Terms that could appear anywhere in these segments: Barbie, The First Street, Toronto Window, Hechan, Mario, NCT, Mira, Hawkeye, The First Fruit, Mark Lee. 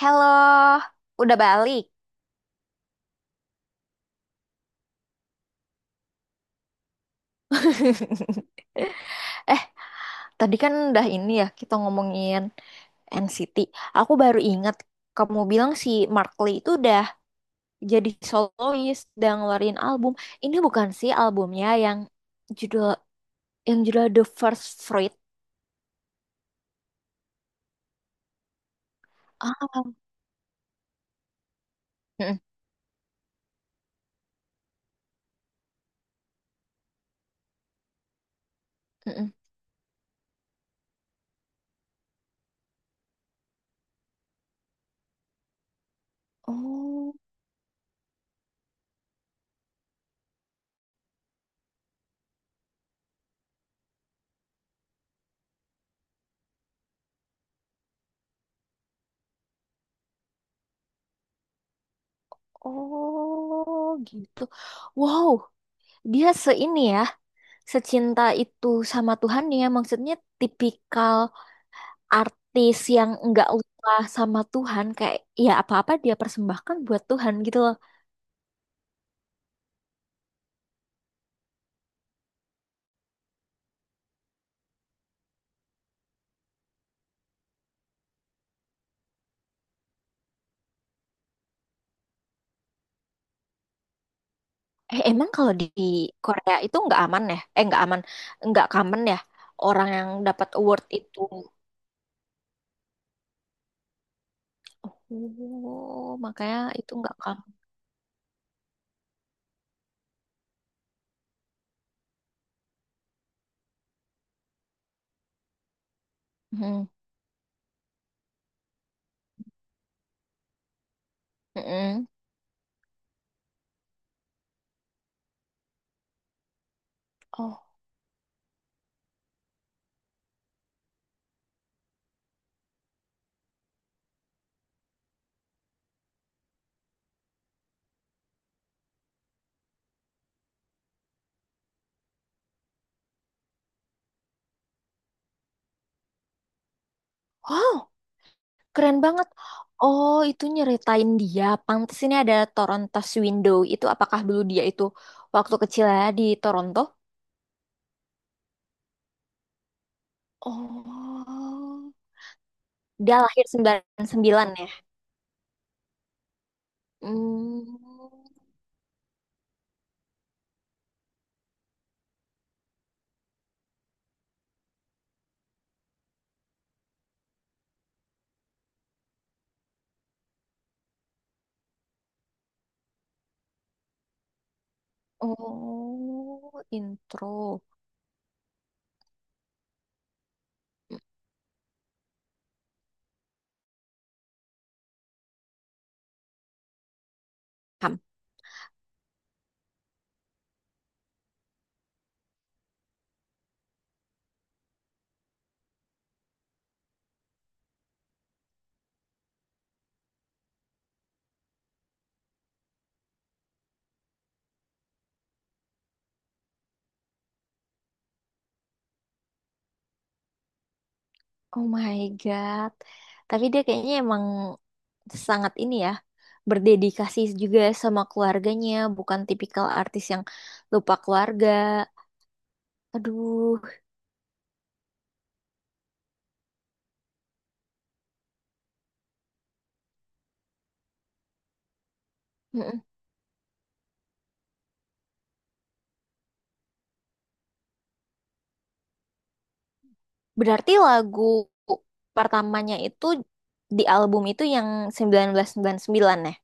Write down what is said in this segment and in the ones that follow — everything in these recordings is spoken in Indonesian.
Halo, udah balik. Eh, tadi kan udah ini ya kita ngomongin NCT. Aku baru ingat kamu bilang si Mark Lee itu udah jadi solois dan ngeluarin album. Ini bukan sih albumnya judul yang judul The First Fruit. Ah, mm-mm, mm-mm. Oh, oh gitu. Wow, dia seini ya, secinta itu sama Tuhan ya. Maksudnya tipikal artis yang nggak lupa sama Tuhan kayak ya apa-apa dia persembahkan buat Tuhan gitu loh. Eh, emang kalau di Korea itu nggak aman ya? Eh, nggak aman, nggak common ya orang yang dapat award itu. Oh, makanya itu nggak common. Hmm, mm-mm. Oh, wow, keren banget. Oh, itu nyeritain dia. Pantes ini ada Toronto Window. Itu apakah dulu dia itu waktu kecilnya di Toronto? Oh, dia lahir 99 ya. Hmm, oh, intro. Paham. Oh my God. Tapi dia kayaknya emang sangat ini ya, berdedikasi juga sama keluarganya, bukan tipikal artis yang lupa keluarga. Aduh. Mm-mm. Berarti lagu pertamanya itu di album itu yang 1999 ya?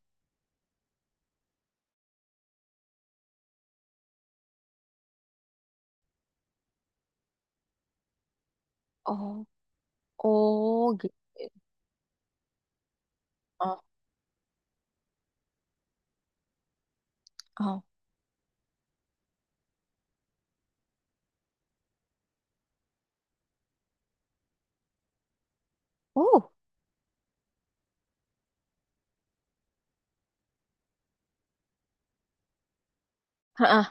Oh, oh gitu. Oh, oh. Uh, heeh.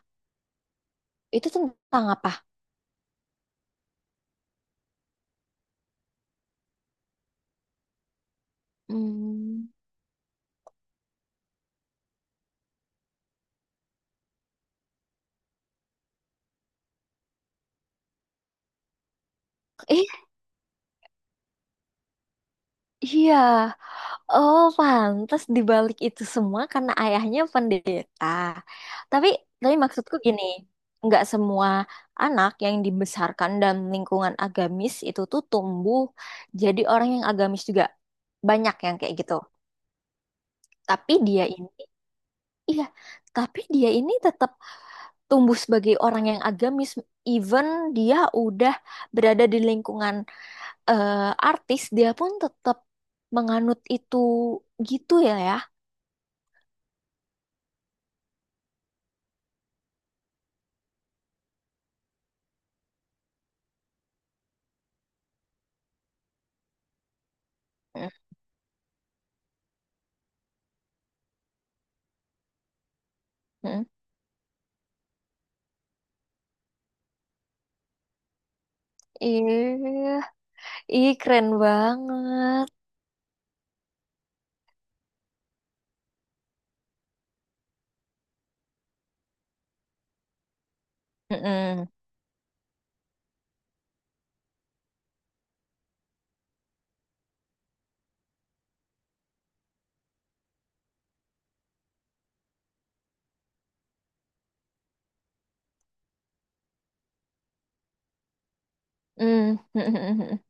Itu tentang apa? Hmm. Iya, oh pantas dibalik itu semua karena ayahnya pendeta. Tapi, tapi, maksudku gini, nggak semua anak yang dibesarkan dalam lingkungan agamis itu tuh tumbuh jadi orang yang agamis juga. Banyak yang kayak gitu. Tapi dia ini, iya, tapi dia ini tetap tumbuh sebagai orang yang agamis. Even dia udah berada di lingkungan artis, dia pun tetap menganut itu gitu ya ya. Mhm. Iya, ih keren banget. Mhm. Mm.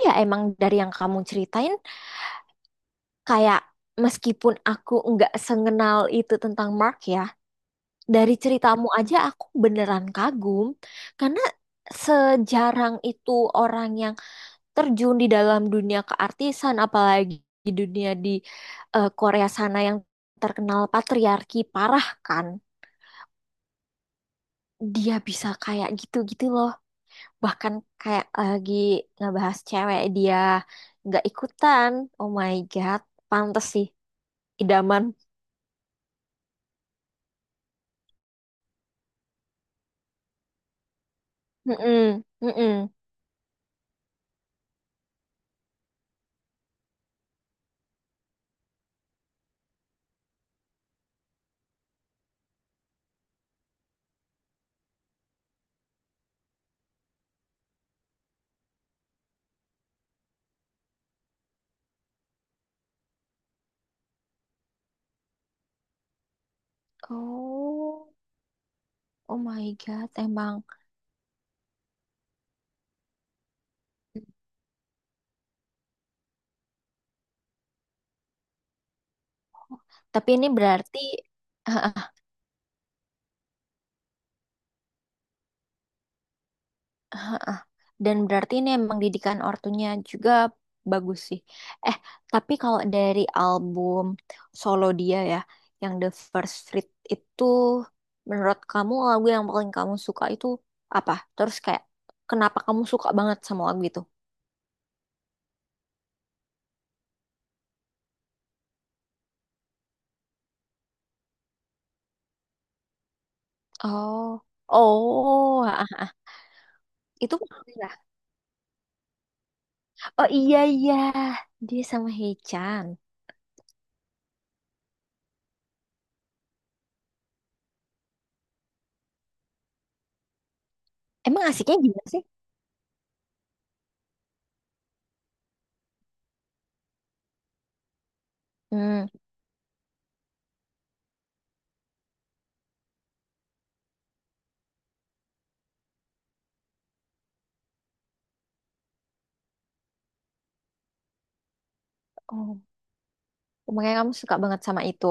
Ya emang dari yang kamu ceritain kayak meskipun aku nggak sengenal itu tentang Mark ya, dari ceritamu aja aku beneran kagum karena sejarang itu orang yang terjun di dalam dunia keartisan apalagi di Korea sana yang terkenal patriarki parah kan. Dia bisa kayak gitu-gitu loh. Bahkan kayak lagi ngebahas cewek dia nggak ikutan. Oh my god, pantes sih idaman. Mm. Oh, oh my God, emang. Tapi ini berarti, ah, dan berarti ini emang didikan ortunya juga bagus sih. Eh, tapi kalau dari album solo dia ya, yang The First Street itu, menurut kamu lagu yang paling kamu suka itu apa? Terus kayak, kenapa kamu suka banget sama lagu itu? Oh, oh, ah, itu Mira. Oh iya iya, dia sama Hechan. Emang asiknya gimana sih? Hmm, oh, makanya kamu suka banget sama itu.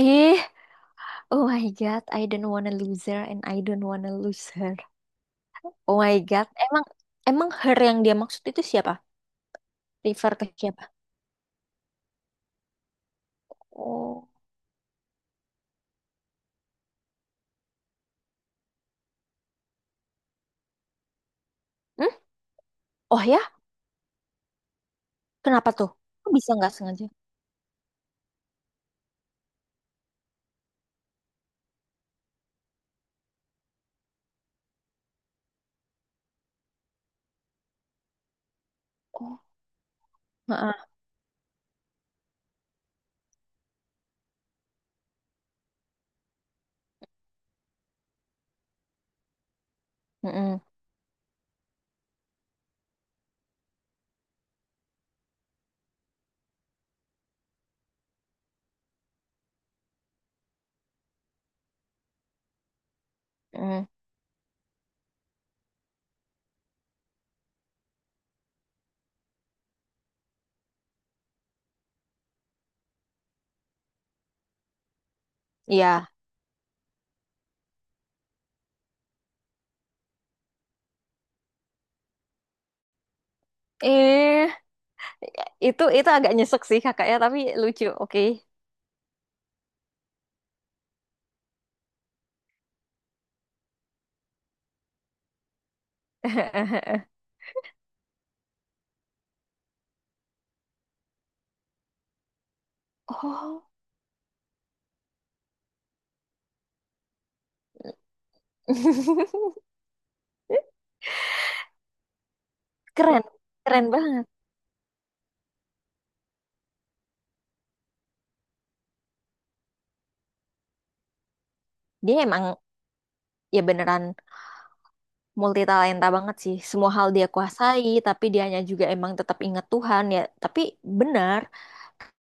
Ih. Oh my God, I don't wanna lose her and I don't wanna lose her. Oh my God, emang emang her yang dia maksud itu siapa? Refer ke siapa? Oh, hmm? Oh ya, kenapa tuh? Kok bisa nggak sengaja? Oh, heeh, heeh, heeh. Iya. Eh, itu agak nyesek sih kakaknya, tapi lucu. Oke. Oh, keren, keren banget. Dia emang ya beneran. Multitalenta banget sih. Semua hal dia kuasai, tapi dianya juga emang tetap ingat Tuhan ya. Tapi benar,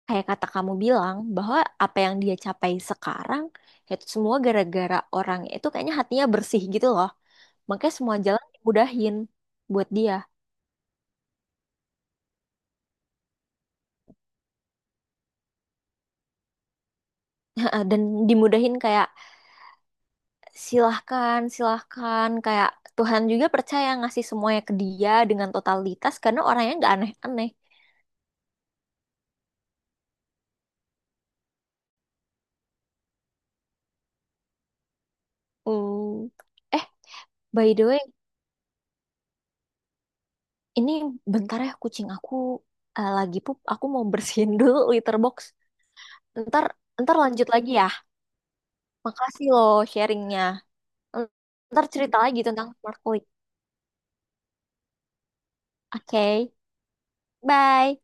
kayak kata kamu bilang, bahwa apa yang dia capai sekarang, ya itu semua gara-gara orang itu kayaknya hatinya bersih gitu loh. Makanya semua jalan dimudahin buat dia. Dan dimudahin kayak silahkan, silahkan. Kayak Tuhan juga percaya ngasih semuanya ke dia dengan totalitas karena orangnya nggak aneh-aneh. Hmm. Eh, by the way, ini bentar ya kucing aku lagi pup. Aku mau bersihin dulu litter box. Ntar, ntar, lanjut lagi ya. Makasih loh sharingnya. Ntar cerita lagi tentang smart click. Oke, bye.